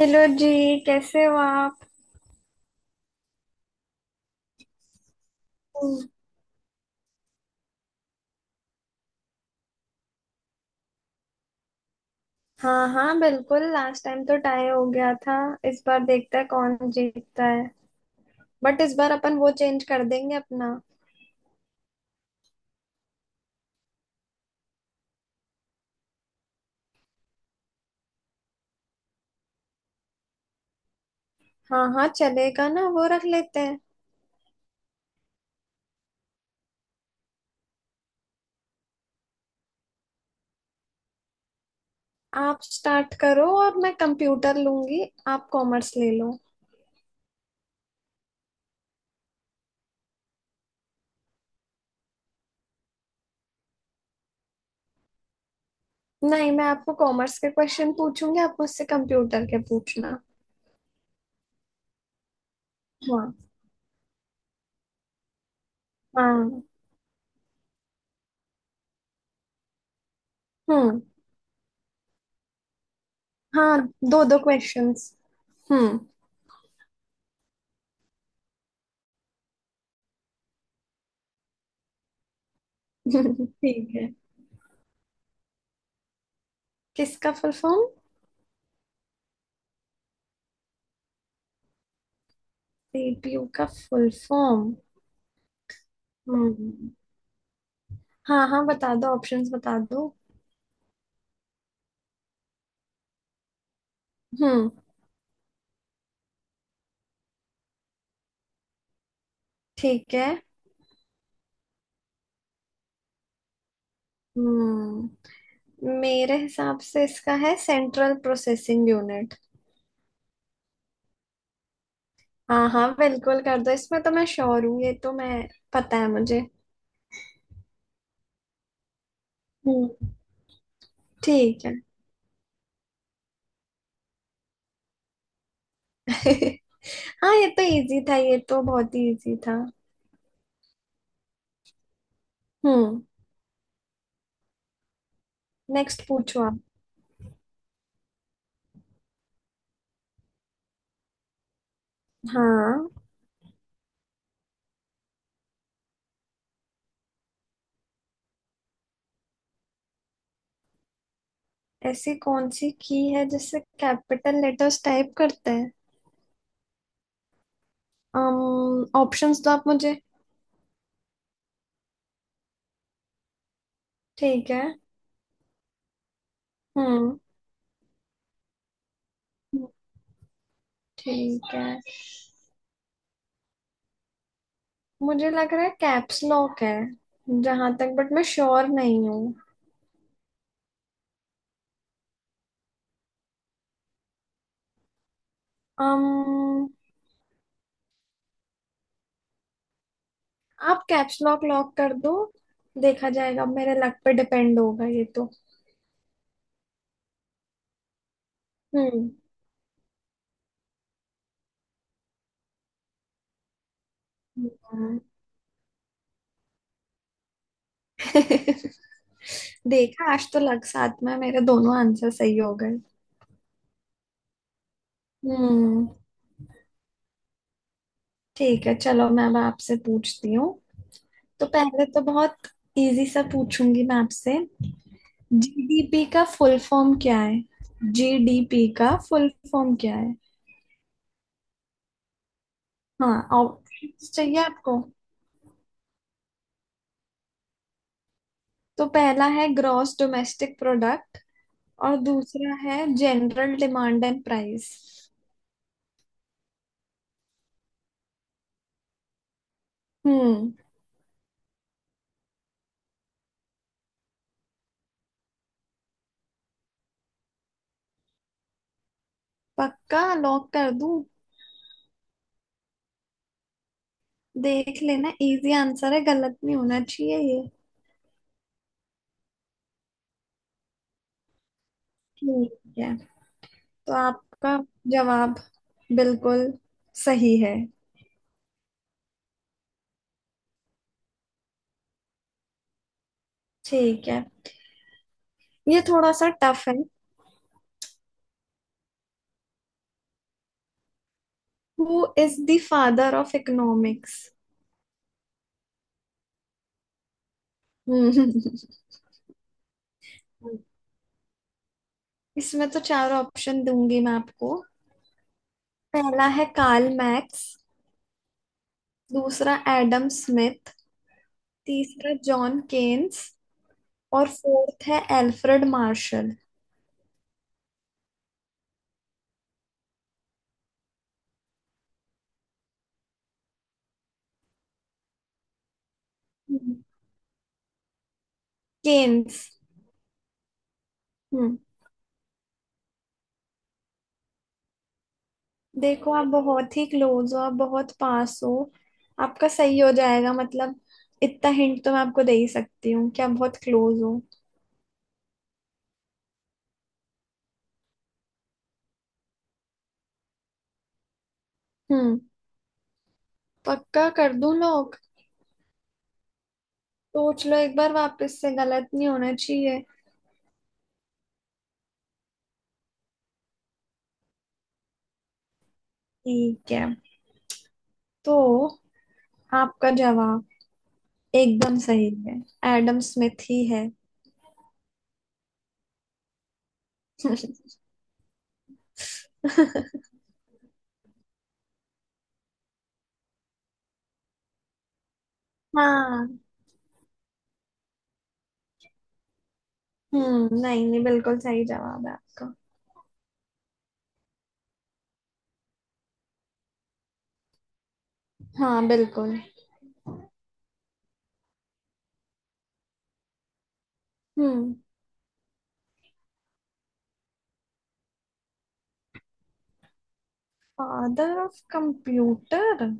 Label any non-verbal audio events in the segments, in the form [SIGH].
Hello ji. कैसे हो आप। हम्म। हाँ हाँ, बिल्कुल लास्ट टाइम तो टाई हो गया था। इस बार देखते हैं कौन जीतता है। बट इस बार अपन वो चेंज कर देंगे अपना। हाँ हाँ, चलेगा ना, वो रख लेते हैं। आप स्टार्ट करो और मैं कंप्यूटर लूंगी। आप कॉमर्स ले लो। नहीं, मैं आपको कॉमर्स के क्वेश्चन पूछूंगी, आप मुझसे कंप्यूटर के पूछना। हाँ हाँ। हम्म। हाँ, दो दो क्वेश्चंस। हम्म। [LAUGHS] ठीक है। किसका फुल फॉर्म। सीपीयू का फुल फॉर्म। हम्म। हाँ हाँ, बता दो, ऑप्शंस बता दो। हम्म। ठीक है। हम्म। मेरे हिसाब से इसका है सेंट्रल प्रोसेसिंग यूनिट। हाँ हाँ, बिल्कुल कर दो, इसमें तो मैं श्योर हूँ, ये तो मैं। पता है मुझे। हम्म। ठीक है। [LAUGHS] हाँ, ये तो इजी था, ये तो बहुत ही इजी था। हम्म। नेक्स्ट पूछो आप। हाँ। ऐसी कौन सी की है जिससे कैपिटल लेटर्स टाइप करते हैं। ऑप्शंस दो आप मुझे। ठीक है। हम्म। ठीक है। मुझे लग रहा है कैप्स लॉक है, जहां तक, बट मैं श्योर नहीं हूँ। um, आप कैप्स लॉक लॉक कर दो। देखा जाएगा, अब मेरे लक पे डिपेंड होगा ये तो। हम्म। हम्म। [LAUGHS] देखा, आज तो लग साथ में मेरे दोनों आंसर सही हो गए। हम्म। ठीक है, चलो मैं अब आपसे पूछती हूँ। तो पहले तो बहुत इजी सा पूछूंगी मैं आपसे। जीडीपी का फुल फॉर्म क्या है। जीडीपी का फुल फॉर्म क्या है। हाँ, ऑप्शंस चाहिए आपको। तो पहला है ग्रॉस डोमेस्टिक प्रोडक्ट, और दूसरा है जनरल डिमांड एंड प्राइस। हम्म। पक्का लॉक कर दूं। देख लेना, इजी आंसर है, गलत नहीं होना चाहिए ये। ठीक है। तो आपका जवाब बिल्कुल सही है। ठीक है, ये थोड़ा सा टफ है। Who is the father of economics. हम्म। [LAUGHS] इसमें तो चार ऑप्शन दूंगी मैं आपको। पहला है कार्ल मैक्स, दूसरा एडम स्मिथ, तीसरा जॉन केन्स, और फोर्थ है एल्फ्रेड मार्शल। हम्म, केन्स। हम्म। देखो, आप बहुत ही क्लोज हो, आप बहुत पास हो। आपका सही हो जाएगा, मतलब इतना हिंट तो मैं आपको दे ही सकती हूँ कि आप बहुत क्लोज हो। हम्म। पक्का कर दूं लोग। सोच लो एक बार, वापस से गलत नहीं होना चाहिए। ठीक है। तो आपका जवाब एकदम सही है। एडम स्मिथ ही है। [LAUGHS] हाँ। हम्म, नहीं नहीं, बिल्कुल सही जवाब है आपका। हाँ बिल्कुल। हम्म। Father of computer.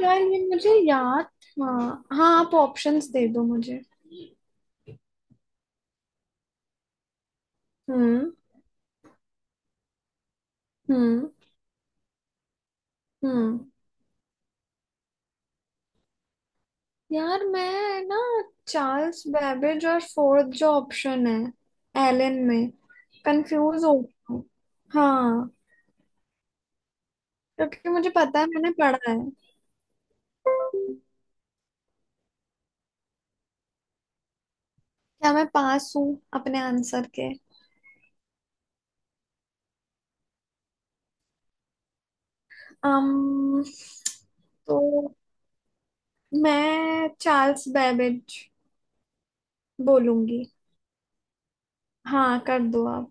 यार, ये मुझे याद। हाँ हाँ, आप ऑप्शंस दे दो मुझे। हम्म। हम्म। हम्म। यार मैं ना, चार्ल्स बेबेज और फोर्थ जो ऑप्शन है एलन में, कंफ्यूज हो गई हूँ। हाँ। क्योंकि मुझे पता है मैंने पढ़ा है। क्या मैं पास हूँ अपने आंसर के। um, तो मैं चार्ल्स बैबेज बोलूंगी। हाँ, कर दो आप।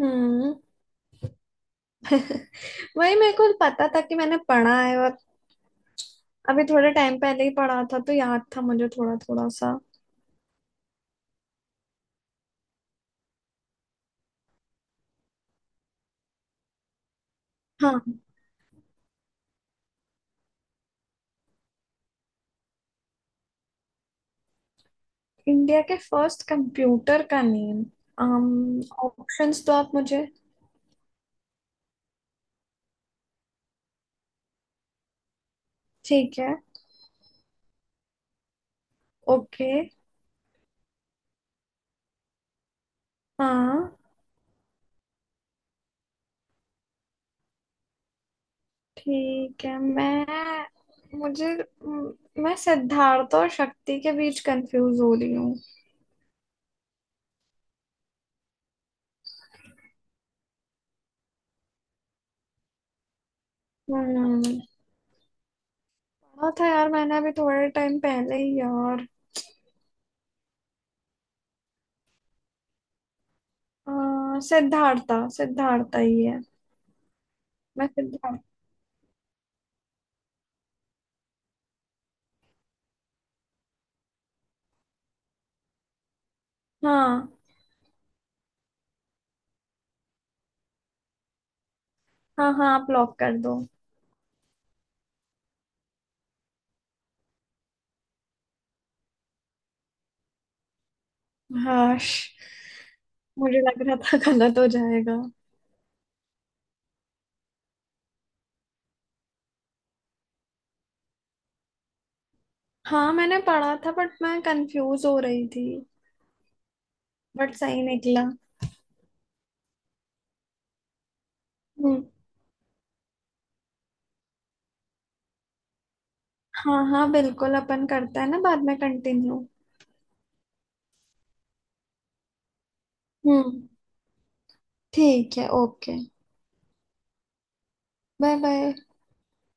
हम्म। [LAUGHS] वही मेरे को पता था कि मैंने पढ़ा है, और अभी थोड़े टाइम पहले ही पढ़ा था तो याद था मुझे थोड़ा थोड़ा सा। हाँ। इंडिया के फर्स्ट कंप्यूटर का नेम। ऑप्शंस तो आप मुझे। ठीक है। ओके। हाँ। ठीक है, मैं, मुझे, म- मैं सिद्धार्थ और शक्ति के बीच कंफ्यूज हो रही हूँ। हम्म। पढ़ा था यार मैंने अभी थोड़े टाइम पहले ही यार। सिद्धार्था, सिद्धार्था ही है। मैं सिद्धार्थ। हाँ। हाँ हाँ, आप लॉक कर दो। हाँ, मुझे लग रहा था गलत हो जाएगा। हाँ, मैंने पढ़ा था बट मैं कंफ्यूज हो रही थी, बट सही निकला। हम्म। हाँ हाँ, बिल्कुल अपन करते हैं ना बाद में कंटिन्यू। हम्म। ठीक है, ओके। Bye bye.